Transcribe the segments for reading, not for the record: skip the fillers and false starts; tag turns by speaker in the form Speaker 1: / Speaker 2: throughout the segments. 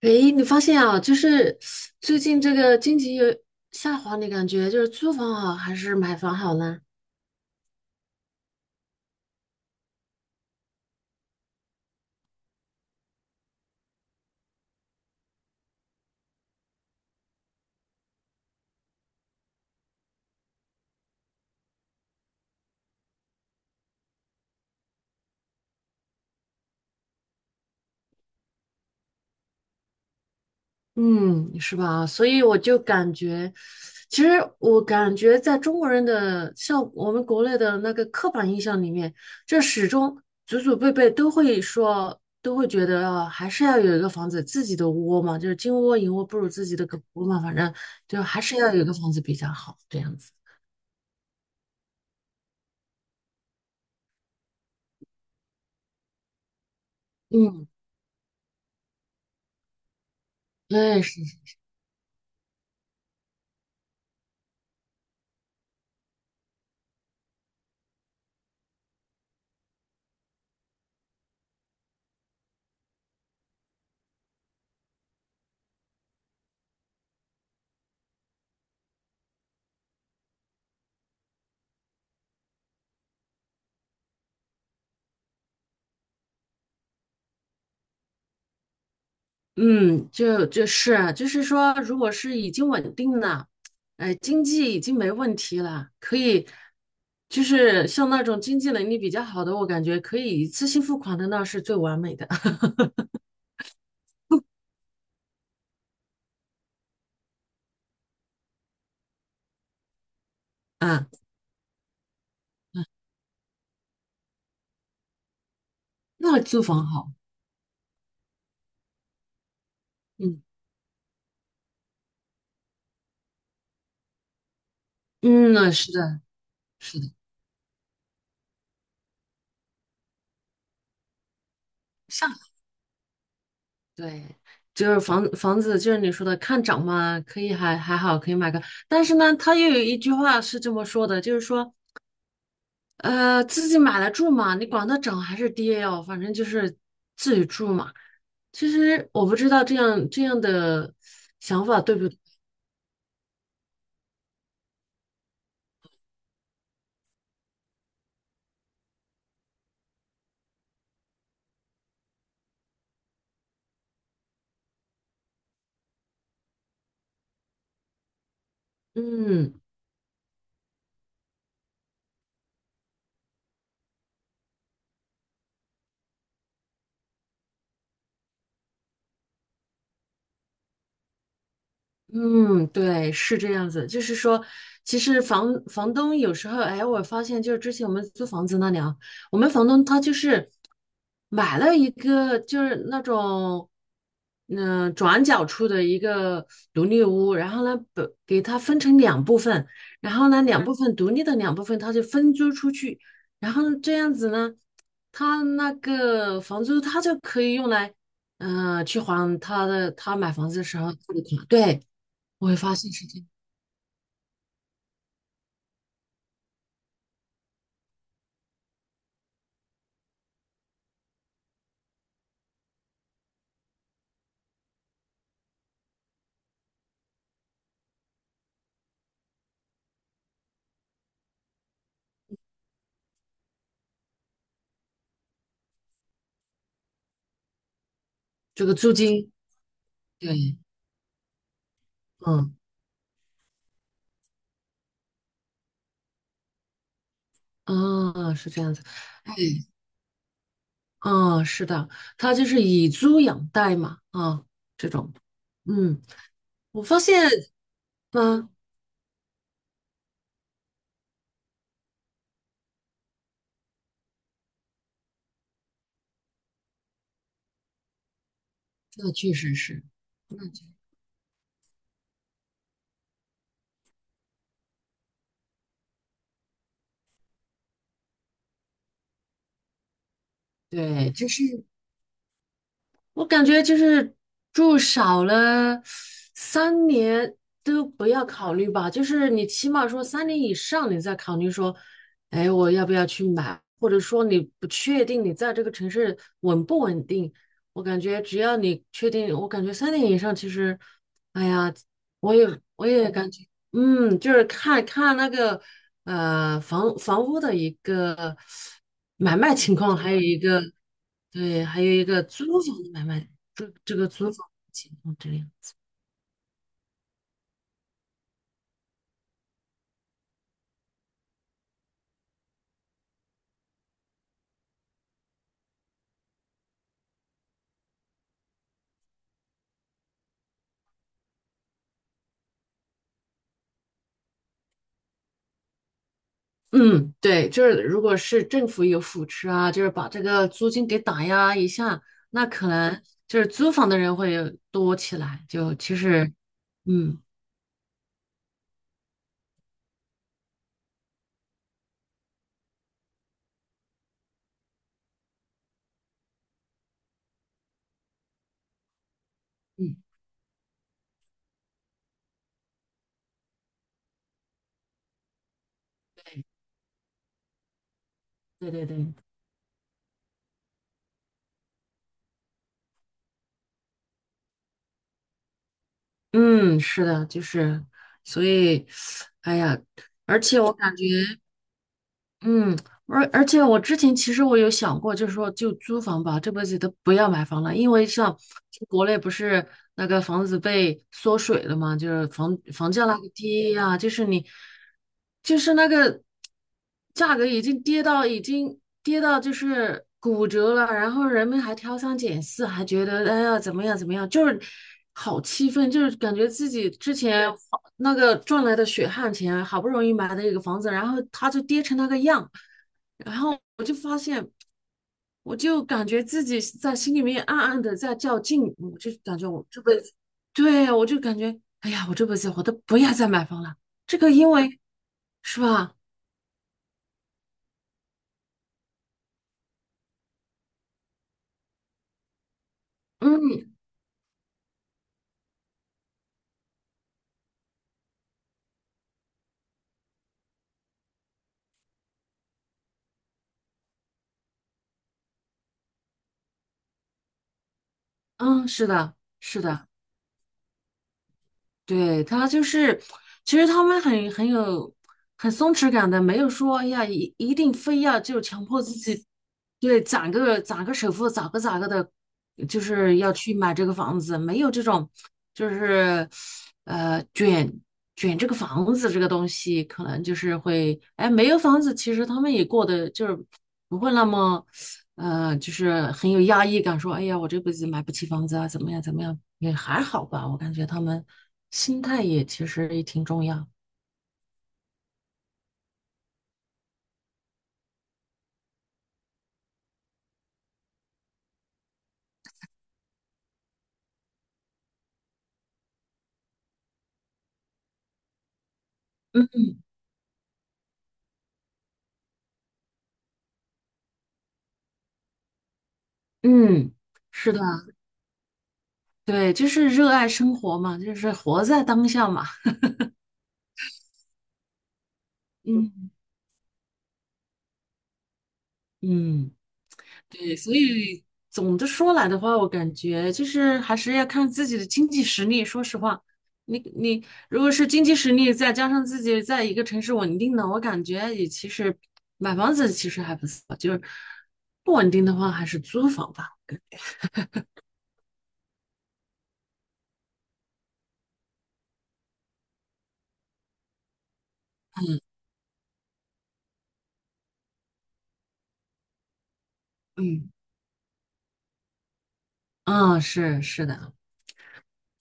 Speaker 1: 诶，你发现啊，就是最近这个经济有下滑，你感觉就是租房好还是买房好呢？嗯，是吧？所以我就感觉，其实我感觉在中国人的像我们国内的那个刻板印象里面，这始终祖祖辈辈都会说，都会觉得啊，还是要有一个房子，自己的窝嘛，就是金窝银窝不如自己的狗窝嘛，反正就还是要有一个房子比较好，这样子。嗯，对，嗯，就是啊就是说，如果是已经稳定了，经济已经没问题了，可以，就是像那种经济能力比较好的，我感觉可以一次性付款的，那是最完美的 啊，那租房好，嗯嗯，是的，是的，上海对，就是房子，就是你说的看涨嘛，可以还好，可以买个，但是呢，他又有一句话是这么说的，就是说。自己买来住嘛，你管它涨还是跌哦，反正就是自己住嘛。其实我不知道这样的想法对不，对，嗯，嗯，对，是这样子。就是说，其实房东有时候，哎，我发现就是之前我们租房子那里啊，我们房东他就是买了一个就是那种，转角处的一个独立屋，然后呢，把给它分成两部分，然后呢，两部分独立的两部分，他就分租出去，然后这样子呢，他那个房租他就可以用来，去还他的他买房子的时候付的款，对。我会发现是这样，这个租金，对，嗯，啊，是这样子，哎，啊，是的，他就是以租养贷嘛，啊，这种，嗯，我发现，嗯，那确实是，嗯，对，就是。我感觉就是住少了三年都不要考虑吧，就是你起码说三年以上，你再考虑说，哎，我要不要去买，或者说你不确定你在这个城市稳不稳定。我感觉只要你确定，我感觉三年以上其实，哎呀，我也我也感觉，嗯，就是看看那个房屋的一个买卖情况，还有一个。对，还有一个租房的买卖，这个租房情况这样。嗯，对，就是如果是政府有扶持啊，就是把这个租金给打压一下，那可能就是租房的人会多起来。就其实，嗯嗯，对对对，嗯，是的，就是，所以，哎呀，我感觉，嗯，而且我之前其实我有想过，就是说就租房吧，这辈子都不要买房了，因为像国内不是那个房子被缩水了嘛，就是房价那个跌呀、就是你就是那个价格已经跌到已经跌到就是骨折了，然后人们还挑三拣四，还觉得哎呀怎么样怎么样，就是好气愤，就是感觉自己之前花那个赚来的血汗钱，好不容易买的一个房子，然后它就跌成那个样。然后我就发现，我就感觉自己在心里面暗暗的在较劲，我就感觉我这辈子，对，我就感觉，哎呀，我这辈子我都不要再买房了。这个因为是吧？嗯嗯，是的，是的。对，他就是，其实他们很有很松弛感的，没有说哎呀一定非要就强迫自己，对，攒个首付，咋个咋个的，就是要去买这个房子，没有这种就是呃卷卷这个房子这个东西，可能就是会哎没有房子，其实他们也过得就是不会那么，就是很有压抑感，说，哎呀，我这辈子买不起房子啊，怎么样，怎么样，也还好吧。我感觉他们心态也其实也挺重要。嗯嗯，是的，对，就是热爱生活嘛，就是活在当下嘛。嗯嗯。对，所以总的说来的话，我感觉就是还是要看自己的经济实力。说实话，你你如果是经济实力再加上自己在一个城市稳定的，我感觉也其实买房子其实还不错，就是不稳定的话还是租房吧。嗯，啊，是是的，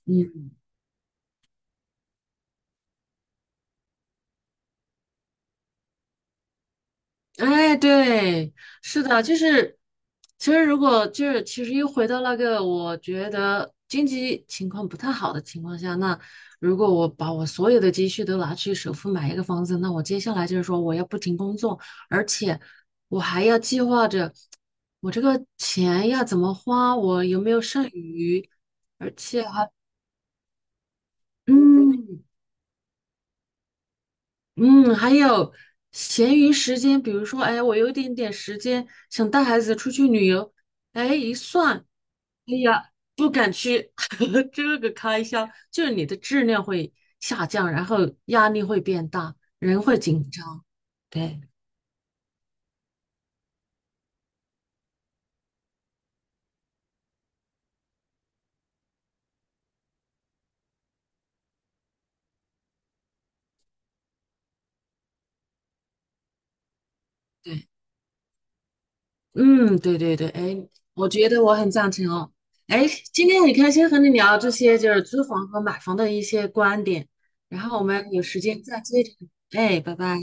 Speaker 1: 嗯，哎，对，是的，就是，其实如果就是，其实又回到那个，我觉得经济情况不太好的情况下，那如果我把我所有的积蓄都拿去首付买一个房子，那我接下来就是说我要不停工作，而且我还要计划着我这个钱要怎么花，我有没有剩余，而且还，嗯。嗯，还有闲余时间，比如说，哎，我有一点点时间，想带孩子出去旅游，哎，一算，哎呀，不敢去，这个开销就是你的质量会下降，然后压力会变大，人会紧张。对对，嗯，对对对，哎，我觉得我很赞成哦。哎，今天很开心和你聊这些，就是租房和买房的一些观点，然后我们有时间再接着聊。哎，拜拜。